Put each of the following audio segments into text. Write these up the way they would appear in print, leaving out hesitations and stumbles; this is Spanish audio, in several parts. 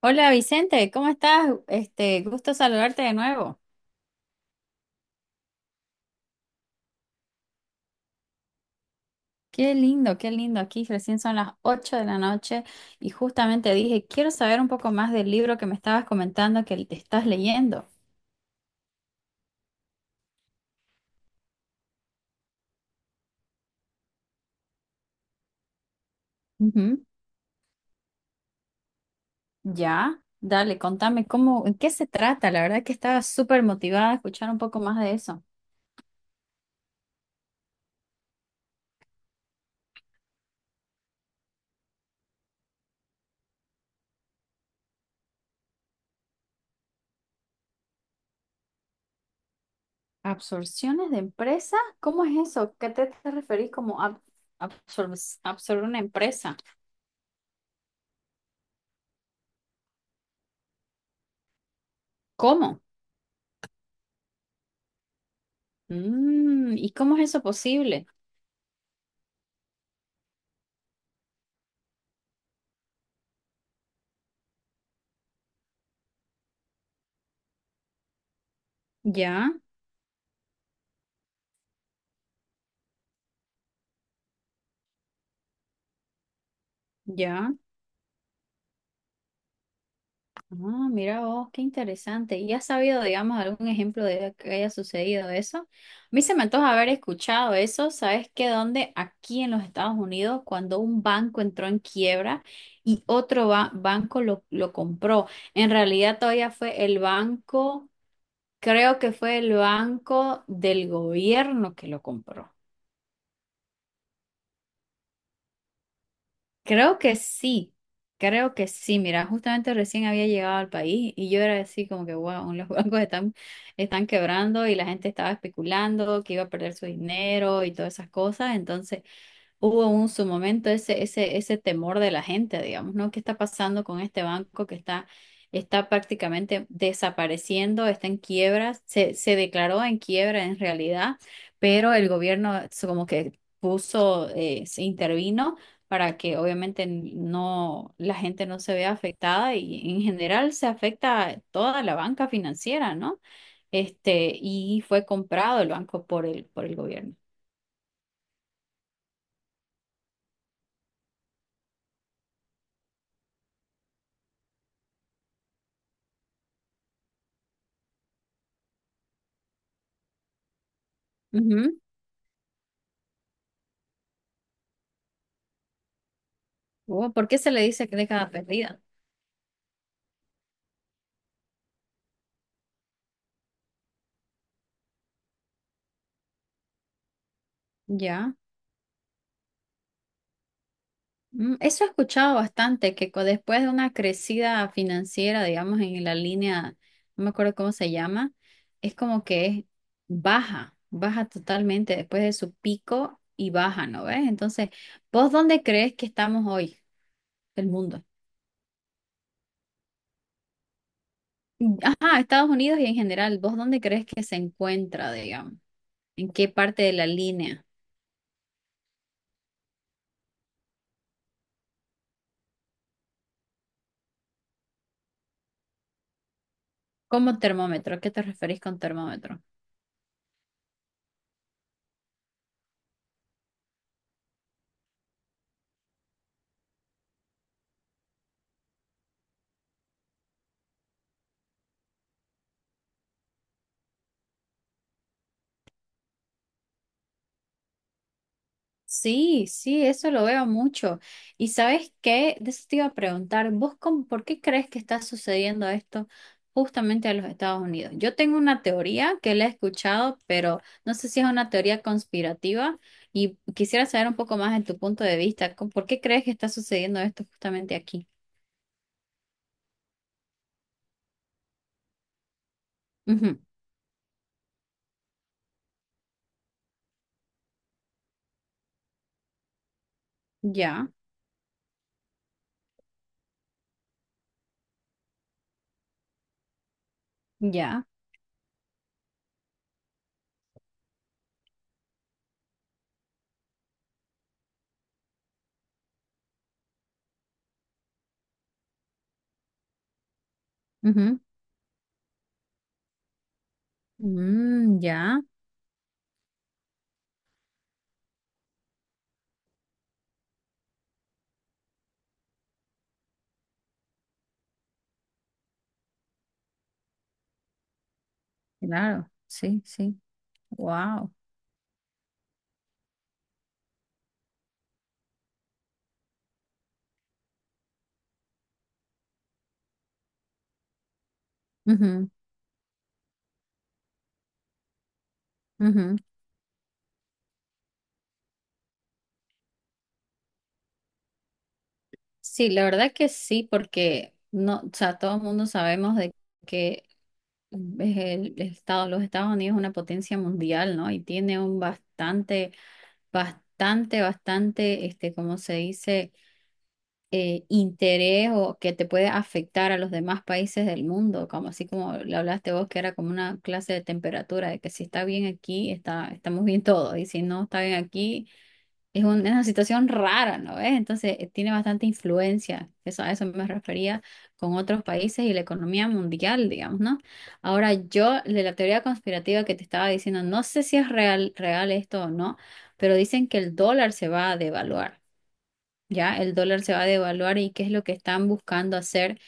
Hola Vicente, ¿cómo estás? Este, gusto saludarte de nuevo. Qué lindo, qué lindo. Aquí recién son las 8 de la noche y justamente dije, quiero saber un poco más del libro que me estabas comentando que te estás leyendo. Ujú. Ya, dale, contame cómo, en qué se trata. La verdad que estaba súper motivada a escuchar un poco más de eso. ¿Absorciones de empresa? ¿Cómo es eso? ¿Qué te referís como absorber una empresa? ¿Cómo? Mm, ¿y cómo es eso posible? Ya. Ya, ah, mira vos, qué interesante. ¿Y has sabido, digamos, algún ejemplo de que haya sucedido eso? A mí se me antoja haber escuchado eso. ¿Sabes qué? Aquí en los Estados Unidos, cuando un banco entró en quiebra y otro banco lo compró, en realidad todavía fue el banco, creo que fue el banco del gobierno que lo compró. Creo que sí, creo que sí. Mira, justamente recién había llegado al país y yo era así como que, wow, los bancos están quebrando y la gente estaba especulando que iba a perder su dinero y todas esas cosas. Entonces, hubo un su momento ese temor de la gente, digamos, ¿no? ¿Qué está pasando con este banco que está prácticamente desapareciendo, está en quiebra, se declaró en quiebra en realidad, pero el gobierno como que puso, se intervino para que obviamente no, la gente no se vea afectada y en general se afecta toda la banca financiera, ¿no? Este, y fue comprado el banco por el gobierno. Oh, ¿por qué se le dice década perdida? Ya. Mm, eso he escuchado bastante, que después de una crecida financiera, digamos, en la línea, no me acuerdo cómo se llama, es como que es baja, baja totalmente después de su pico y baja, ¿no ves? Entonces, ¿vos dónde crees que estamos hoy, el mundo? Mm, ajá, Estados Unidos y en general, ¿vos dónde crees que se encuentra, digamos? ¿En qué parte de la línea? Como termómetro, ¿a qué te referís con termómetro? Sí, sí, eso lo veo mucho. ¿Y sabes qué? De eso te iba a preguntar, ¿vos por qué crees que está sucediendo esto justamente a los Estados Unidos? Yo tengo una teoría que la he escuchado, pero no sé si es una teoría conspirativa y quisiera saber un poco más de tu punto de vista. ¿Por qué crees que está sucediendo esto justamente aquí? Ujú, ya, ya, ujú, mm, ya, claro, sí, sí, wow. Sí, la verdad que sí, porque no, o sea, todo el mundo sabemos de que es los Estados Unidos es una potencia mundial, ¿no? Y tiene un bastante, bastante, bastante, este, como se dice, interés o que te puede afectar a los demás países del mundo, como así como le hablaste vos, que era como una clase de temperatura, de que si está bien aquí, estamos bien todos, y si no está bien aquí es es una situación rara, ¿no ves? Entonces, tiene bastante influencia. A eso me refería con otros países y la economía mundial, digamos, ¿no? Ahora, yo, de la teoría conspirativa que te estaba diciendo, no sé si es real, real esto o no, pero dicen que el dólar se va a devaluar, ¿ya? El dólar se va a devaluar y qué es lo que están buscando hacer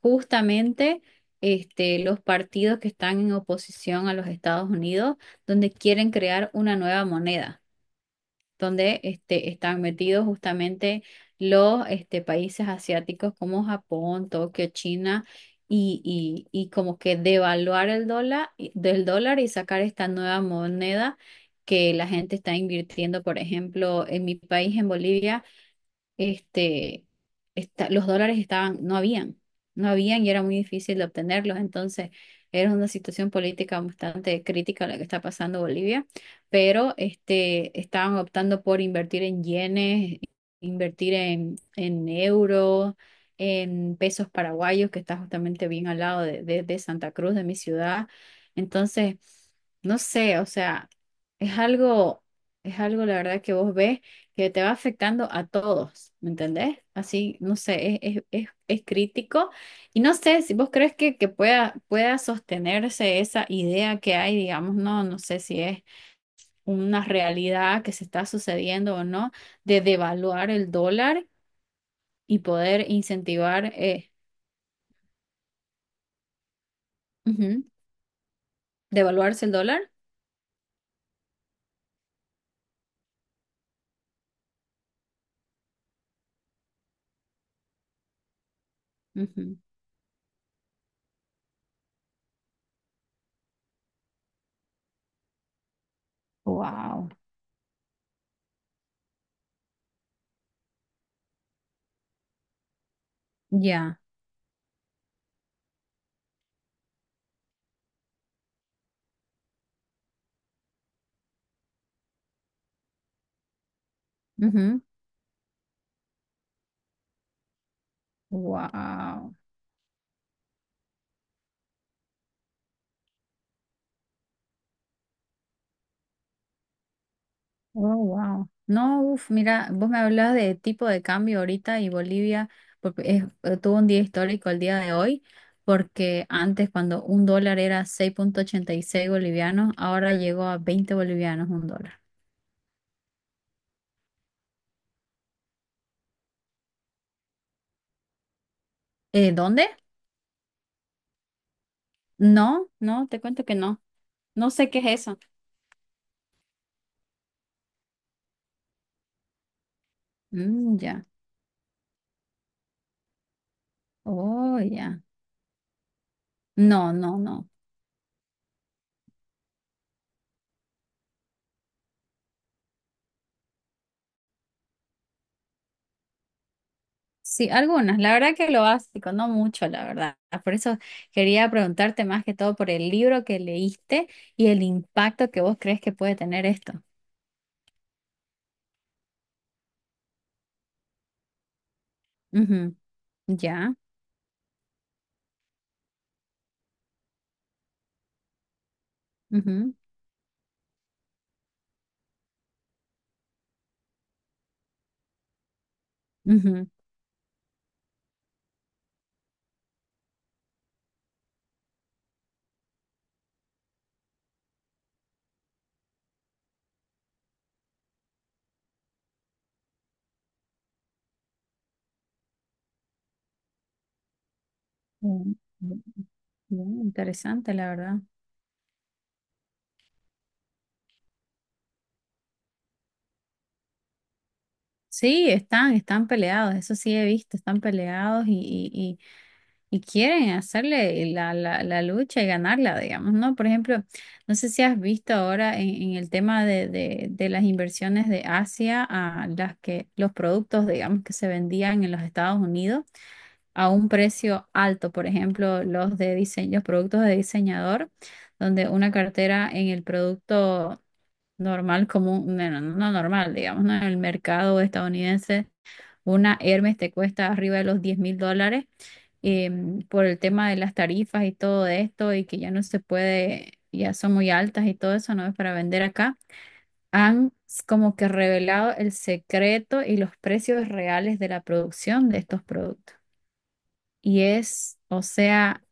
justamente este, los partidos que están en oposición a los Estados Unidos, donde quieren crear una nueva moneda donde este, están metidos justamente los este, países asiáticos como Japón, Tokio, China, y, y como que devaluar el dólar, del dólar y sacar esta nueva moneda que la gente está invirtiendo, por ejemplo, en mi país, en Bolivia este, los dólares estaban, no habían y era muy difícil de obtenerlos. Entonces, era una situación política bastante crítica la que está pasando Bolivia, pero este, estaban optando por invertir en yenes, invertir en euros, en pesos paraguayos, que está justamente bien al lado de Santa Cruz, de mi ciudad. Entonces, no sé, o sea, es algo, es algo la verdad que vos ves que te va afectando a todos, ¿me entendés? Así, no sé, es crítico y no sé si vos crees que pueda sostenerse esa idea que hay, digamos, no, no sé si es una realidad que se está sucediendo o no, de devaluar el dólar y poder incentivar, ujú, devaluarse el dólar. Wow, ya, wow. Oh, wow. No, uf, mira, vos me hablabas de tipo de cambio ahorita y Bolivia porque tuvo un día histórico el día de hoy, porque antes cuando un dólar era 6,86 bolivianos, ahora llegó a 20 bolivianos un dólar. ¿Dónde? No, no, te cuento que no. No sé qué es eso. Mm, ya. Oh, ya. No, no, no. Sí, algunos, la verdad que lo básico, no mucho, la verdad. Por eso quería preguntarte más que todo por el libro que leíste y el impacto que vos crees que puede tener esto. Ujú, ya, ujú, ujú. Mm, mm, mm, interesante, la verdad. Sí, están peleados, eso sí he visto, están peleados y quieren hacerle la lucha y ganarla, digamos, ¿no? Por ejemplo, no sé si has visto ahora en el tema de las inversiones de Asia a las que los productos, digamos, que se vendían en los Estados Unidos a un precio alto, por ejemplo, los de diseño, los productos de diseñador, donde una cartera en el producto normal común, bueno, no normal, digamos, ¿no? En el mercado estadounidense, una Hermes te cuesta arriba de los 10.000 dólares por el tema de las tarifas y todo esto y que ya no se puede, ya son muy altas y todo eso, no es para vender acá. Han como que revelado el secreto y los precios reales de la producción de estos productos. Y es, o sea,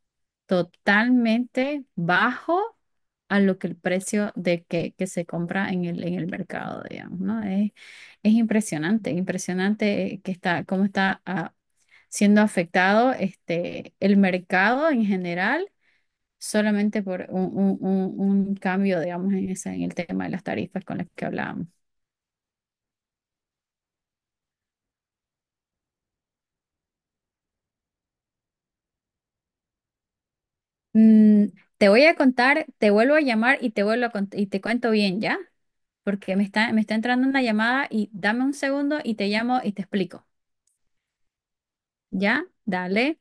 totalmente bajo a lo que el precio de que se compra en el mercado, digamos, ¿no? Es impresionante, impresionante que cómo está siendo afectado este, el mercado en general solamente por un cambio, digamos, en el tema de las tarifas con las que hablábamos. Mm, te voy a contar, te vuelvo a llamar y te vuelvo a y te cuento bien, ¿ya? Porque me está entrando una llamada y dame un segundo y te llamo y te explico, ¿ya? Dale.